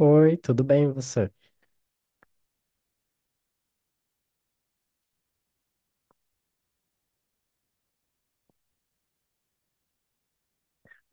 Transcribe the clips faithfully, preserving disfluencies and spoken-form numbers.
Oi, tudo bem você?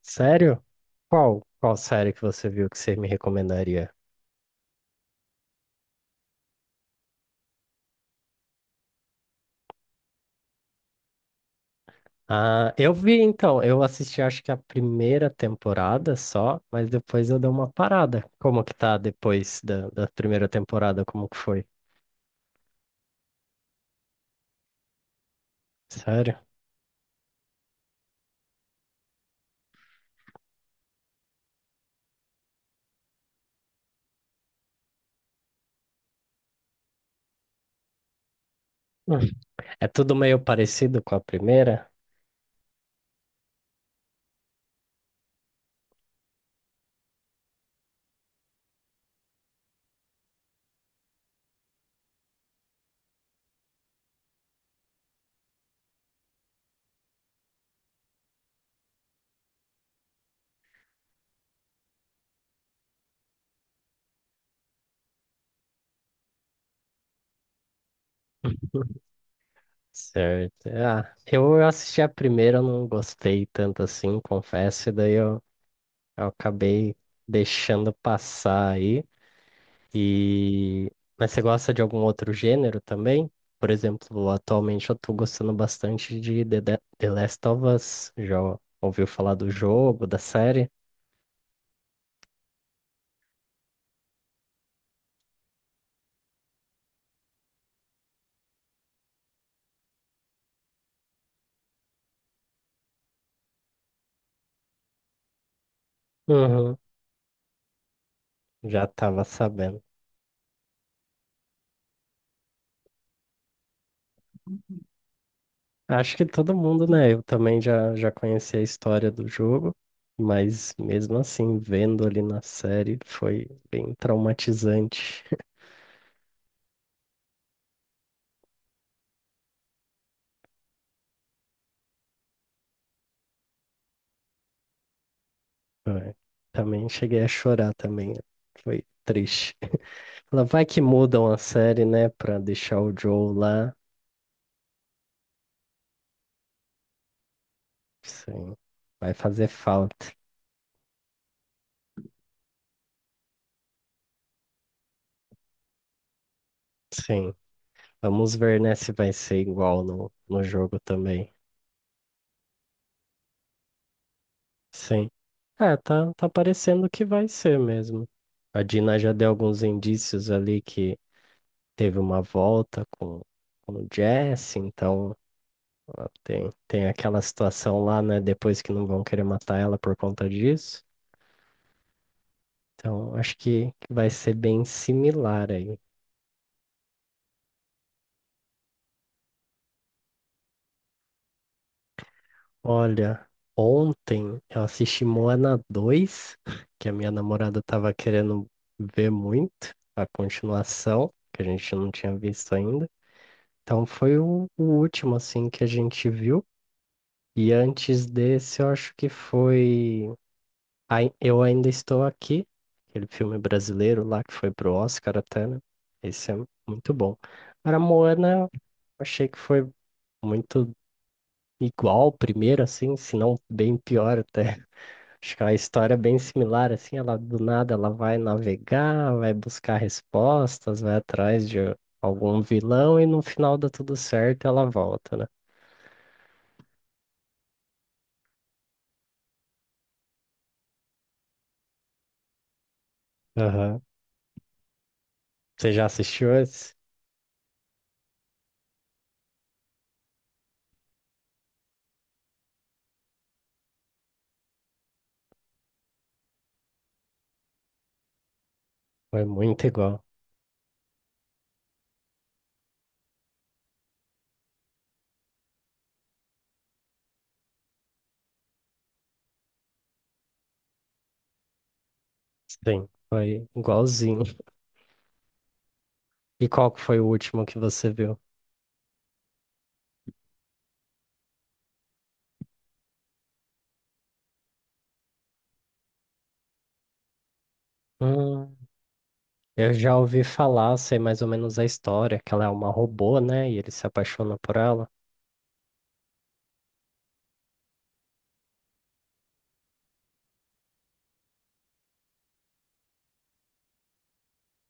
Sério? Qual? Qual série que você viu que você me recomendaria? Ah, eu vi então, eu assisti acho que a primeira temporada só, mas depois eu dei uma parada. Como que tá depois da, da primeira temporada? Como que foi? Sério? Hum. É tudo meio parecido com a primeira? Certo. Ah, eu assisti a primeira, eu não gostei tanto assim, confesso, e daí eu, eu acabei deixando passar aí. E... Mas você gosta de algum outro gênero também? Por exemplo, atualmente eu tô gostando bastante de The, The The Last of Us. Já ouviu falar do jogo, da série? Uhum, já tava sabendo. Acho que todo mundo, né? Eu também já, já conheci a história do jogo, mas mesmo assim, vendo ali na série, foi bem traumatizante. É, também cheguei a chorar também. Foi triste. Ela vai que mudam a série, né, pra deixar o Joe lá. Sim, vai fazer falta. Sim, vamos ver, né, se vai ser igual no, no jogo também. Sim. É, tá, tá parecendo que vai ser mesmo. A Dina já deu alguns indícios ali que teve uma volta com, com o Jesse, então ó, tem, tem aquela situação lá, né? Depois que não vão querer matar ela por conta disso. Então acho que, que vai ser bem similar aí. Olha, ontem eu assisti Moana dois, que a minha namorada tava querendo ver muito, a continuação, que a gente não tinha visto ainda. Então foi o, o último, assim, que a gente viu. E antes desse, eu acho que foi Ai- Eu Ainda Estou Aqui, aquele filme brasileiro lá que foi pro Oscar até, né? Esse é muito bom. Agora, Moana, eu achei que foi muito igual ao primeiro, assim, se não bem pior até. Acho que é uma história bem similar, assim, ela do nada ela vai navegar, vai buscar respostas, vai atrás de algum vilão e no final dá tudo certo, ela volta, né? Aham. Você já assistiu esse? Foi muito igual. Sim, foi igualzinho. E qual que foi o último que você viu? Hum, eu já ouvi falar, sei mais ou menos a história, que ela é uma robô, né? E ele se apaixona por ela.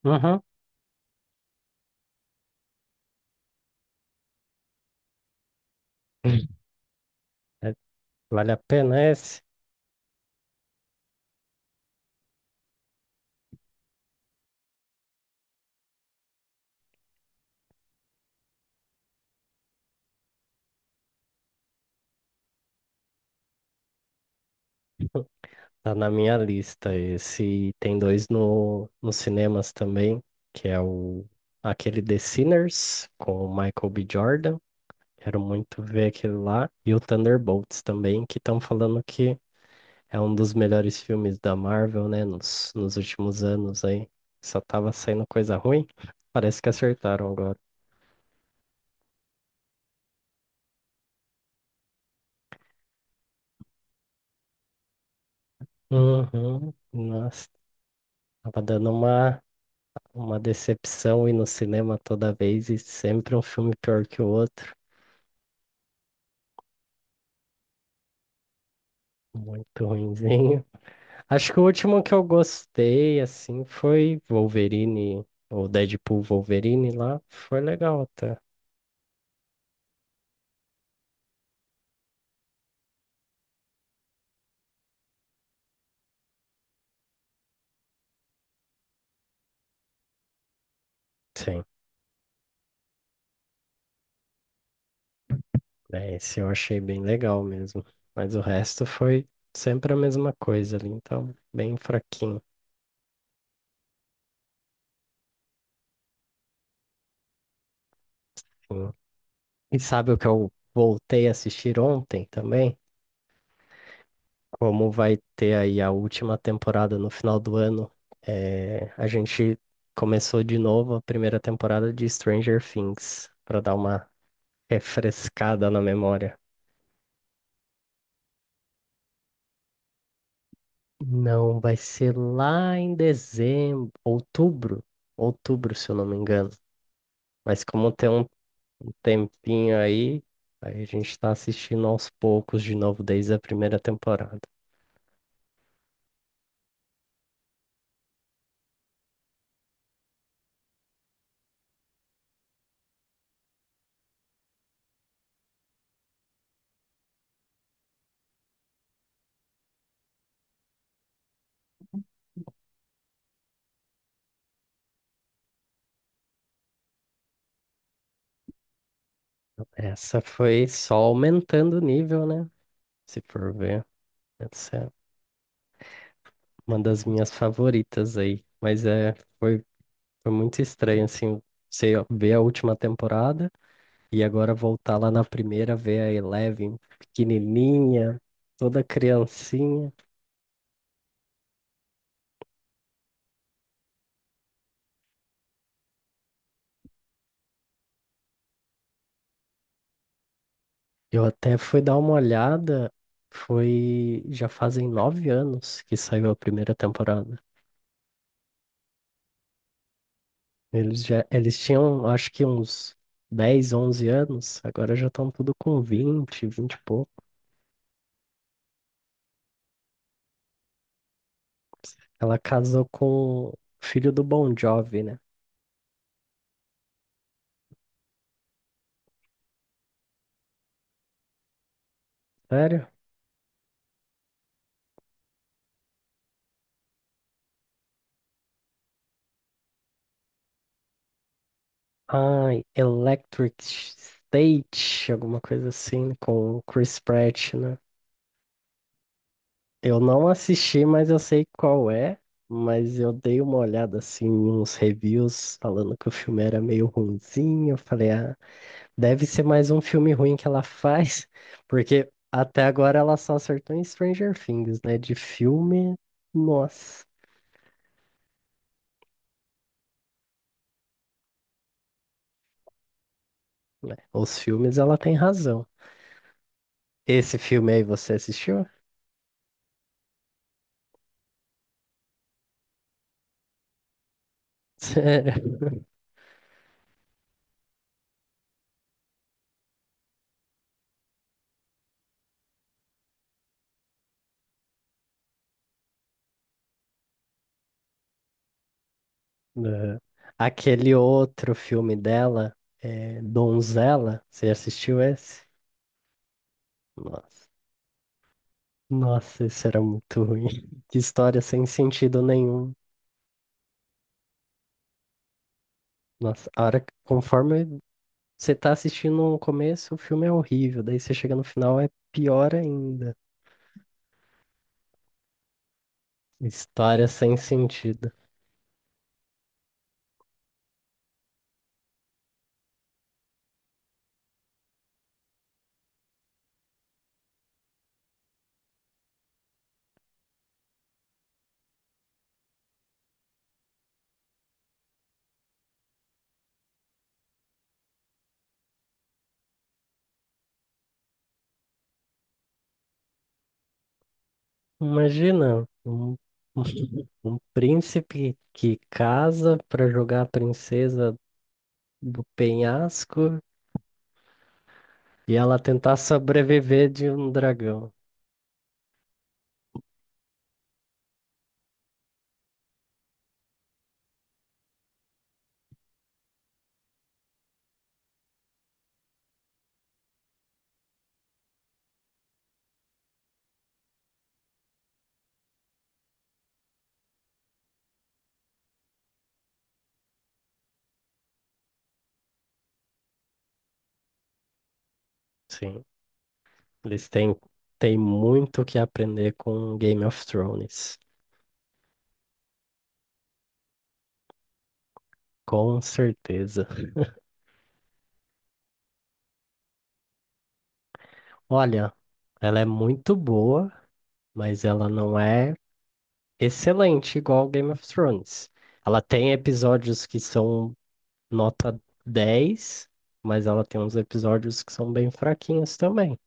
Uhum. É- Vale a pena esse? Tá na minha lista esse. E tem dois no, nos cinemas também, que é o aquele The Sinners com o Michael B. Jordan. Quero muito ver aquele lá. E o Thunderbolts também, que estão falando que é um dos melhores filmes da Marvel, né? Nos, nos últimos anos aí. Só tava saindo coisa ruim. Parece que acertaram agora. Uhum. Nossa, tava dando uma, uma decepção ir no cinema toda vez e sempre um filme pior que o outro. Muito ruinzinho. Acho que o último que eu gostei, assim, foi Wolverine, ou Deadpool Wolverine lá. Foi legal até. Sim, é, esse eu achei bem legal mesmo. Mas o resto foi sempre a mesma coisa ali, então, bem fraquinho. Assim. E sabe o que eu voltei a assistir ontem também? Como vai ter aí a última temporada no final do ano, é, a gente começou de novo a primeira temporada de Stranger Things, para dar uma refrescada na memória. Não, vai ser lá em dezembro, outubro, outubro, se eu não me engano. Mas como tem um tempinho aí, aí a gente tá assistindo aos poucos de novo desde a primeira temporada. Essa foi só aumentando o nível, né? Se for ver, essa é uma das minhas favoritas aí. Mas é, foi, foi muito estranho, assim, você ver a última temporada. E agora voltar lá na primeira, ver a Eleven pequenininha, toda criancinha. Eu até fui dar uma olhada, foi já fazem nove anos que saiu a primeira temporada. Eles já, eles tinham, acho que uns dez onze anos, agora já estão tudo com vinte vinte e pouco. Ela casou com o filho do Bon Jovi, né? Sério? Ai, Electric State, alguma coisa assim, com o Chris Pratt, né? Eu não assisti, mas eu sei qual é. Mas eu dei uma olhada assim em uns reviews falando que o filme era meio ruinzinho. Eu falei, ah, deve ser mais um filme ruim que ela faz, porque até agora ela só acertou em Stranger Things, né? De filme, nossa, né? Os filmes ela tem razão. Esse filme aí você assistiu? Sério? Aham. Aquele outro filme dela, é, Donzela, você assistiu esse? Nossa. Nossa, isso era muito ruim. Que história sem sentido nenhum. Nossa, a hora, que- conforme você tá assistindo o começo, o filme é horrível. Daí você chega no final, é pior ainda. História sem sentido. Imagina um, um príncipe que casa pra jogar a princesa do penhasco e ela tentar sobreviver de um dragão. Sim, eles têm, têm muito o que aprender com Game of Thrones. Com certeza. Olha, ela é muito boa, mas ela não é excelente igual Game of Thrones. Ela tem episódios que são nota dez, mas ela tem uns episódios que são bem fraquinhos também.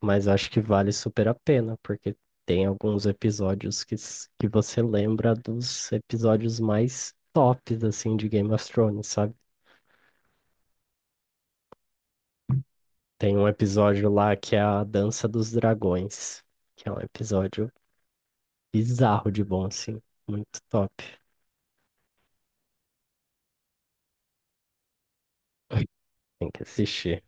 Mas acho que vale super a pena, porque tem alguns episódios que s- que você lembra dos episódios mais tops, assim, de Game of Thrones, sabe? Tem um episódio lá que é a Dança dos Dragões, que é um episódio bizarro de bom, assim. Muito top. Tem que assistir.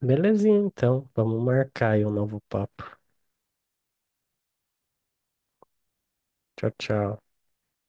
Belezinha, então. Vamos marcar aí um novo papo. Tchau, tchau.